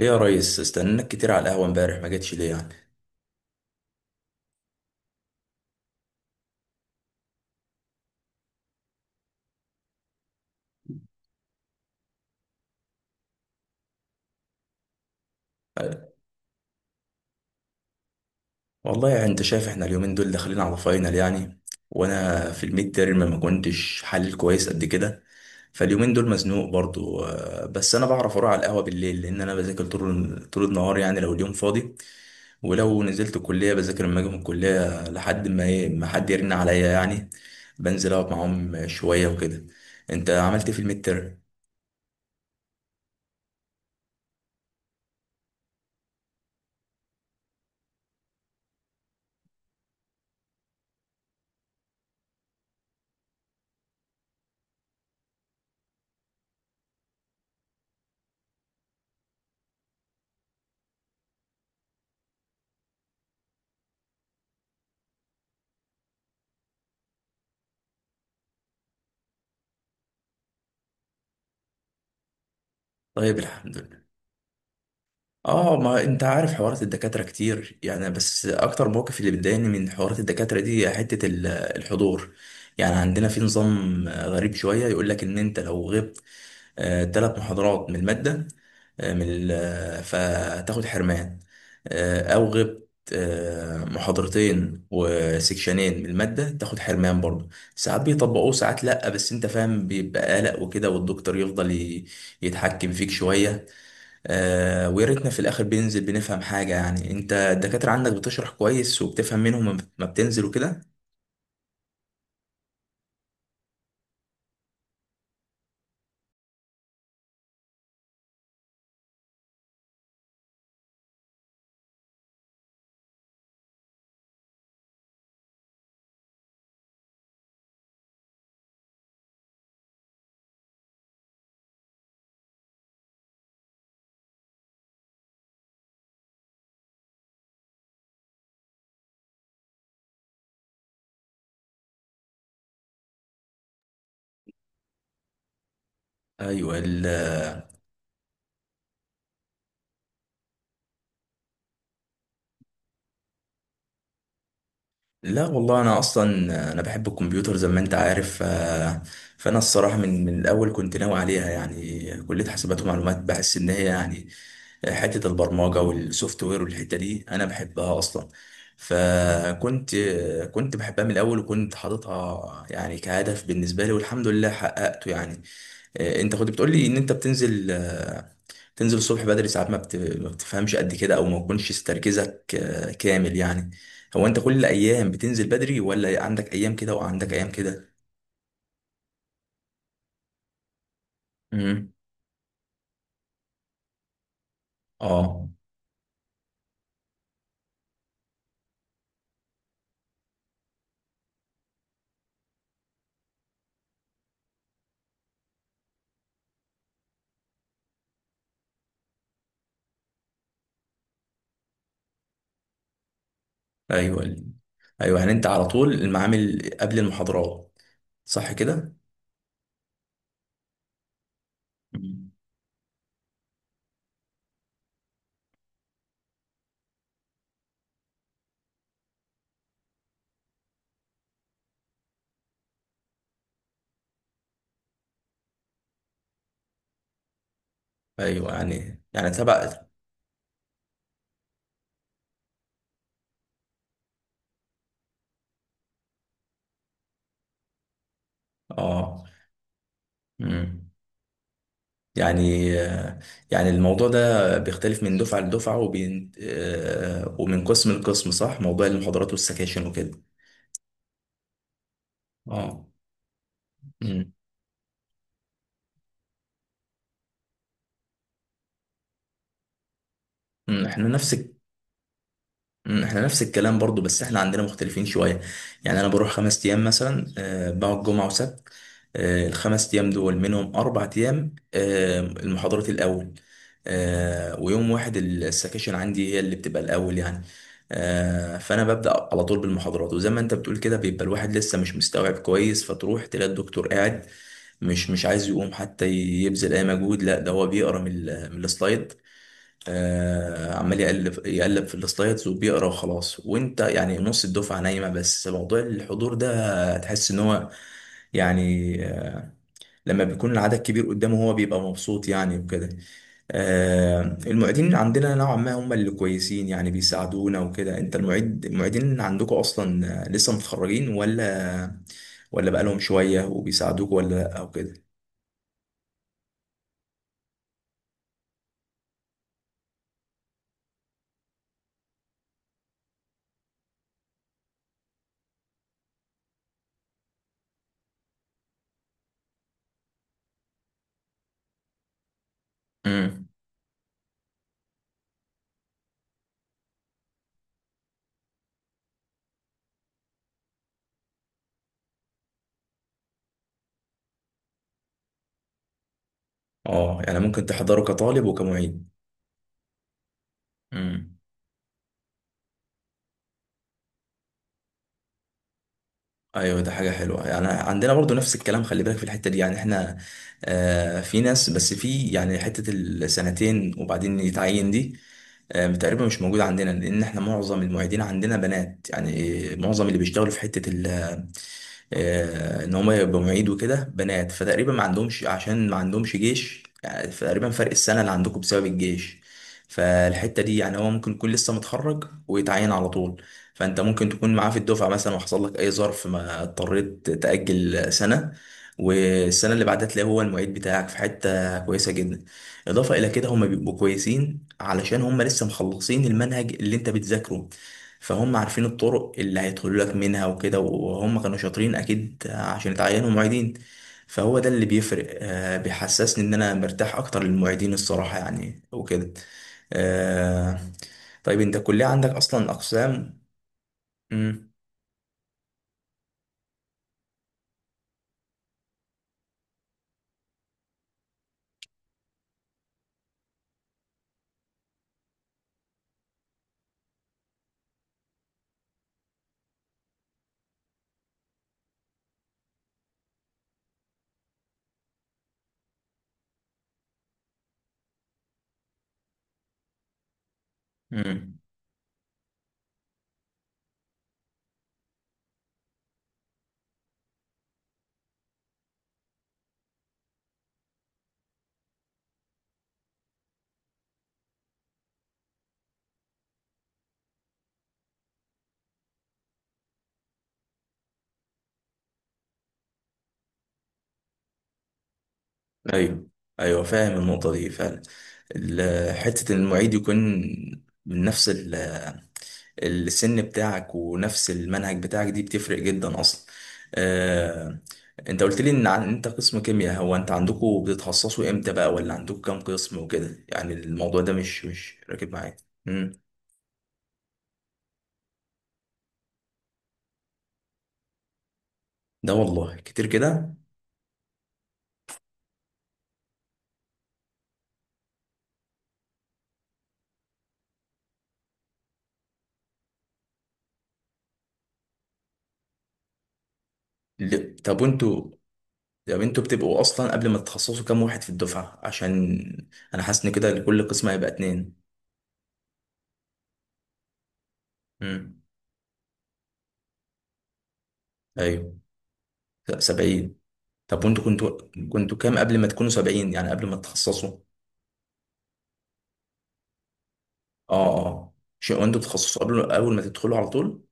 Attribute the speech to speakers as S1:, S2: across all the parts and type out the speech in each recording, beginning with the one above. S1: ايه يا ريس، استناك كتير على القهوة امبارح. ما جتش ليه يعني؟ أه، والله يعني انت شايف احنا اليومين دول داخلين على فاينل يعني. وانا في الميد تيرم ما كنتش حلل كويس قد كده. فاليومين دول مزنوق برضو بس انا بعرف اروح على القهوة بالليل، لان انا بذاكر طول النهار يعني. لو اليوم فاضي ولو نزلت الكلية بذاكر لما اجي من الكلية لحد ما ايه، ما حد يرن عليا يعني، بنزل اقعد معاهم شوية وكده. انت عملت ايه في الميد تيرم؟ طيب، الحمد لله. اه، ما انت عارف حوارات الدكاترة كتير يعني، بس اكتر موقف اللي بيضايقني من حوارات الدكاترة دي حتة الحضور. يعني عندنا في نظام غريب شوية، يقول لك ان انت لو غبت ثلاث محاضرات من المادة، آه، من ال- آه، فتاخد حرمان، او غبت محاضرتين وسكشنين من المادة تاخد حرمان برضه. ساعات بيطبقوه ساعات لأ، بس انت فاهم بيبقى قلق وكده، والدكتور يفضل يتحكم فيك شوية. آه، ويا ريتنا في الاخر بننزل بنفهم حاجه يعني. انت الدكاتره عندك بتشرح كويس وبتفهم منهم لما ما بتنزل وكده. ايوه ال- لا والله، انا اصلا انا بحب الكمبيوتر زي ما انت عارف. فانا الصراحه من الاول كنت ناوي عليها يعني. كليه حاسبات ومعلومات، بحس ان هي يعني حته البرمجه والسوفت وير والحته دي انا بحبها اصلا. فكنت بحبها من الاول، وكنت حاططها يعني كهدف بالنسبه لي، والحمد لله حققته يعني. انت كنت بتقول لي ان انت بتنزل تنزل الصبح بدري، ساعات ما بتفهمش قد كده، او ما بيكونش تركيزك كامل يعني. هو انت كل الايام بتنزل بدري، ولا عندك ايام كده وعندك ايام كده؟ امم. اه. ايوه ال- ايوه يعني، انت على طول المعامل قبل المحاضرات صح كده؟ مم. ايوه يعني تبع. اه. مم. يعني يعني الموضوع ده بيختلف من دفعة لدفعة وبين ومن قسم لقسم صح؟ موضوع المحاضرات والسكاشن وكده. اه. أمم. أمم، احنا نفس احنا نفس الكلام برضو، بس احنا عندنا مختلفين شوية. يعني انا بروح 5 ايام مثلا، بقعد جمعة وسبت. الخمس ايام دول منهم 4 ايام المحاضرات الاول، ويوم واحد السكاشن عندي هي اللي بتبقى الاول يعني. فانا ببدأ على طول بالمحاضرات، وزي ما انت بتقول كده بيبقى الواحد لسه مش مستوعب كويس، فتروح تلاقي الدكتور قاعد مش عايز يقوم حتى يبذل اي مجهود. لا، ده هو بيقرا من السلايد. عمال يقلب في السلايدز وبيقرا وخلاص، وانت يعني نص الدفعه نايمه. بس موضوع الحضور ده تحس ان هو يعني، لما بيكون العدد كبير قدامه هو بيبقى مبسوط يعني وكده. المعيدين عندنا نوعا ما هم اللي كويسين يعني، بيساعدونا وكده. انت المعيد، المعيدين عندكم اصلا لسه متخرجين، ولا بقالهم شويه وبيساعدوك ولا لا او كده؟ امم. اه، يعني ممكن تحضره كطالب وكمعيد. امم. ايوه، ده حاجه حلوه يعني، عندنا برضو نفس الكلام. خلي بالك في الحته دي يعني احنا، في ناس، بس في يعني حته السنتين وبعدين يتعين دي تقريبا مش موجوده عندنا. لان احنا معظم المعيدين عندنا بنات يعني، معظم اللي بيشتغلوا في حته ان هم يبقوا معيد وكده بنات، فتقريبا ما عندهمش، عشان ما عندهمش جيش يعني. تقريبا فرق السنه اللي عندكم بسبب الجيش. فالحته دي يعني هو ممكن يكون لسه متخرج ويتعين على طول، فانت ممكن تكون معاه في الدفعه مثلا، وحصل لك اي ظرف ما اضطريت تاجل سنه، والسنه اللي بعدها تلاقيه هو المعيد بتاعك في حته كويسه جدا. اضافه الى كده هم بيبقوا كويسين علشان هم لسه مخلصين المنهج اللي انت بتذاكره، فهم عارفين الطرق اللي هيدخلوا لك منها وكده، وهم كانوا شاطرين اكيد عشان اتعينوا معيدين. فهو ده اللي بيفرق بيحسسني ان انا مرتاح اكتر للمعيدين الصراحة يعني وكده. آه، طيب انت الكلية عندك اصلا اقسام؟ امم. امم. ايوه. ايوه فاهم النقطة دي فعلا. حتة إن المعيد يكون من نفس السن بتاعك ونفس المنهج بتاعك دي بتفرق جدا اصلا. آه، انت قلت لي ان انت قسم كيمياء. هو انت عندكم بتتخصصوا امتى بقى، ولا عندكم كام قسم وكده يعني؟ الموضوع ده مش راكب معايا. امم. ده والله كتير كده. طب وانتوا، طب انتوا بتبقوا اصلا قبل ما تتخصصوا كام واحد في الدفعة، عشان انا حاسس ان كده لكل قسم هيبقى اتنين. امم. ايوه. لا، 70. طب وانتوا كنتوا، كنتوا كام قبل ما تكونوا 70 يعني، قبل ما تتخصصوا؟ اه. اه شيء، وانتوا بتتخصصوا قبل، اول ما تدخلوا على طول؟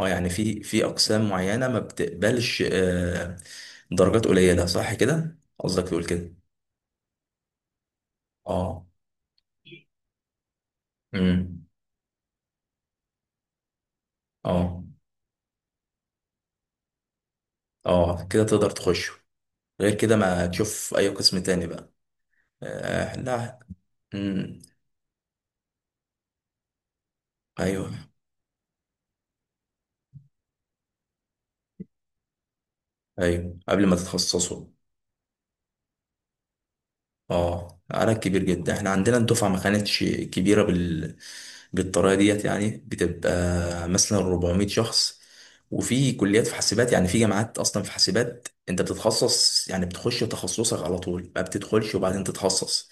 S1: اه يعني في اقسام معينه ما بتقبلش درجات قليله صح كده، قصدك تقول كده؟ اه. امم. اه. اه كده تقدر تخش، غير كده ما تشوف اي قسم تاني بقى. آه لا. امم. ايوه. ايوه قبل ما تتخصصوا. اه، عدد كبير جدا. احنا عندنا الدفعة ما كانتش كبيرة بالطريقة ديت يعني. بتبقى مثلا 400 شخص. وفي كليات في حاسبات يعني، في جامعات اصلا في حاسبات انت بتتخصص يعني، بتخش تخصصك على طول، ما بتدخلش وبعدين تتخصص.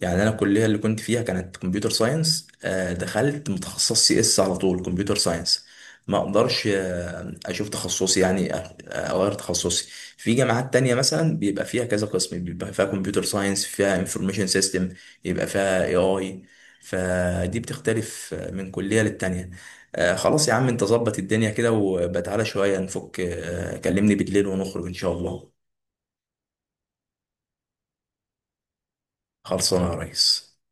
S1: يعني انا الكلية اللي كنت فيها كانت كمبيوتر ساينس، دخلت متخصص سي اس على طول، كمبيوتر ساينس. ما اقدرش اشوف تخصصي يعني، اغير تخصصي. في جامعات تانية مثلا بيبقى فيها كذا قسم، بيبقى فيها كمبيوتر ساينس، فيها انفورميشن سيستم، يبقى فيها اي اي. فدي بتختلف من كلية للتانية. آه خلاص يا عم، انت ظبط الدنيا كده، وبتعالى شوية نفك. كلمني بالليل ونخرج ان شاء الله. خلصانة يا ريس.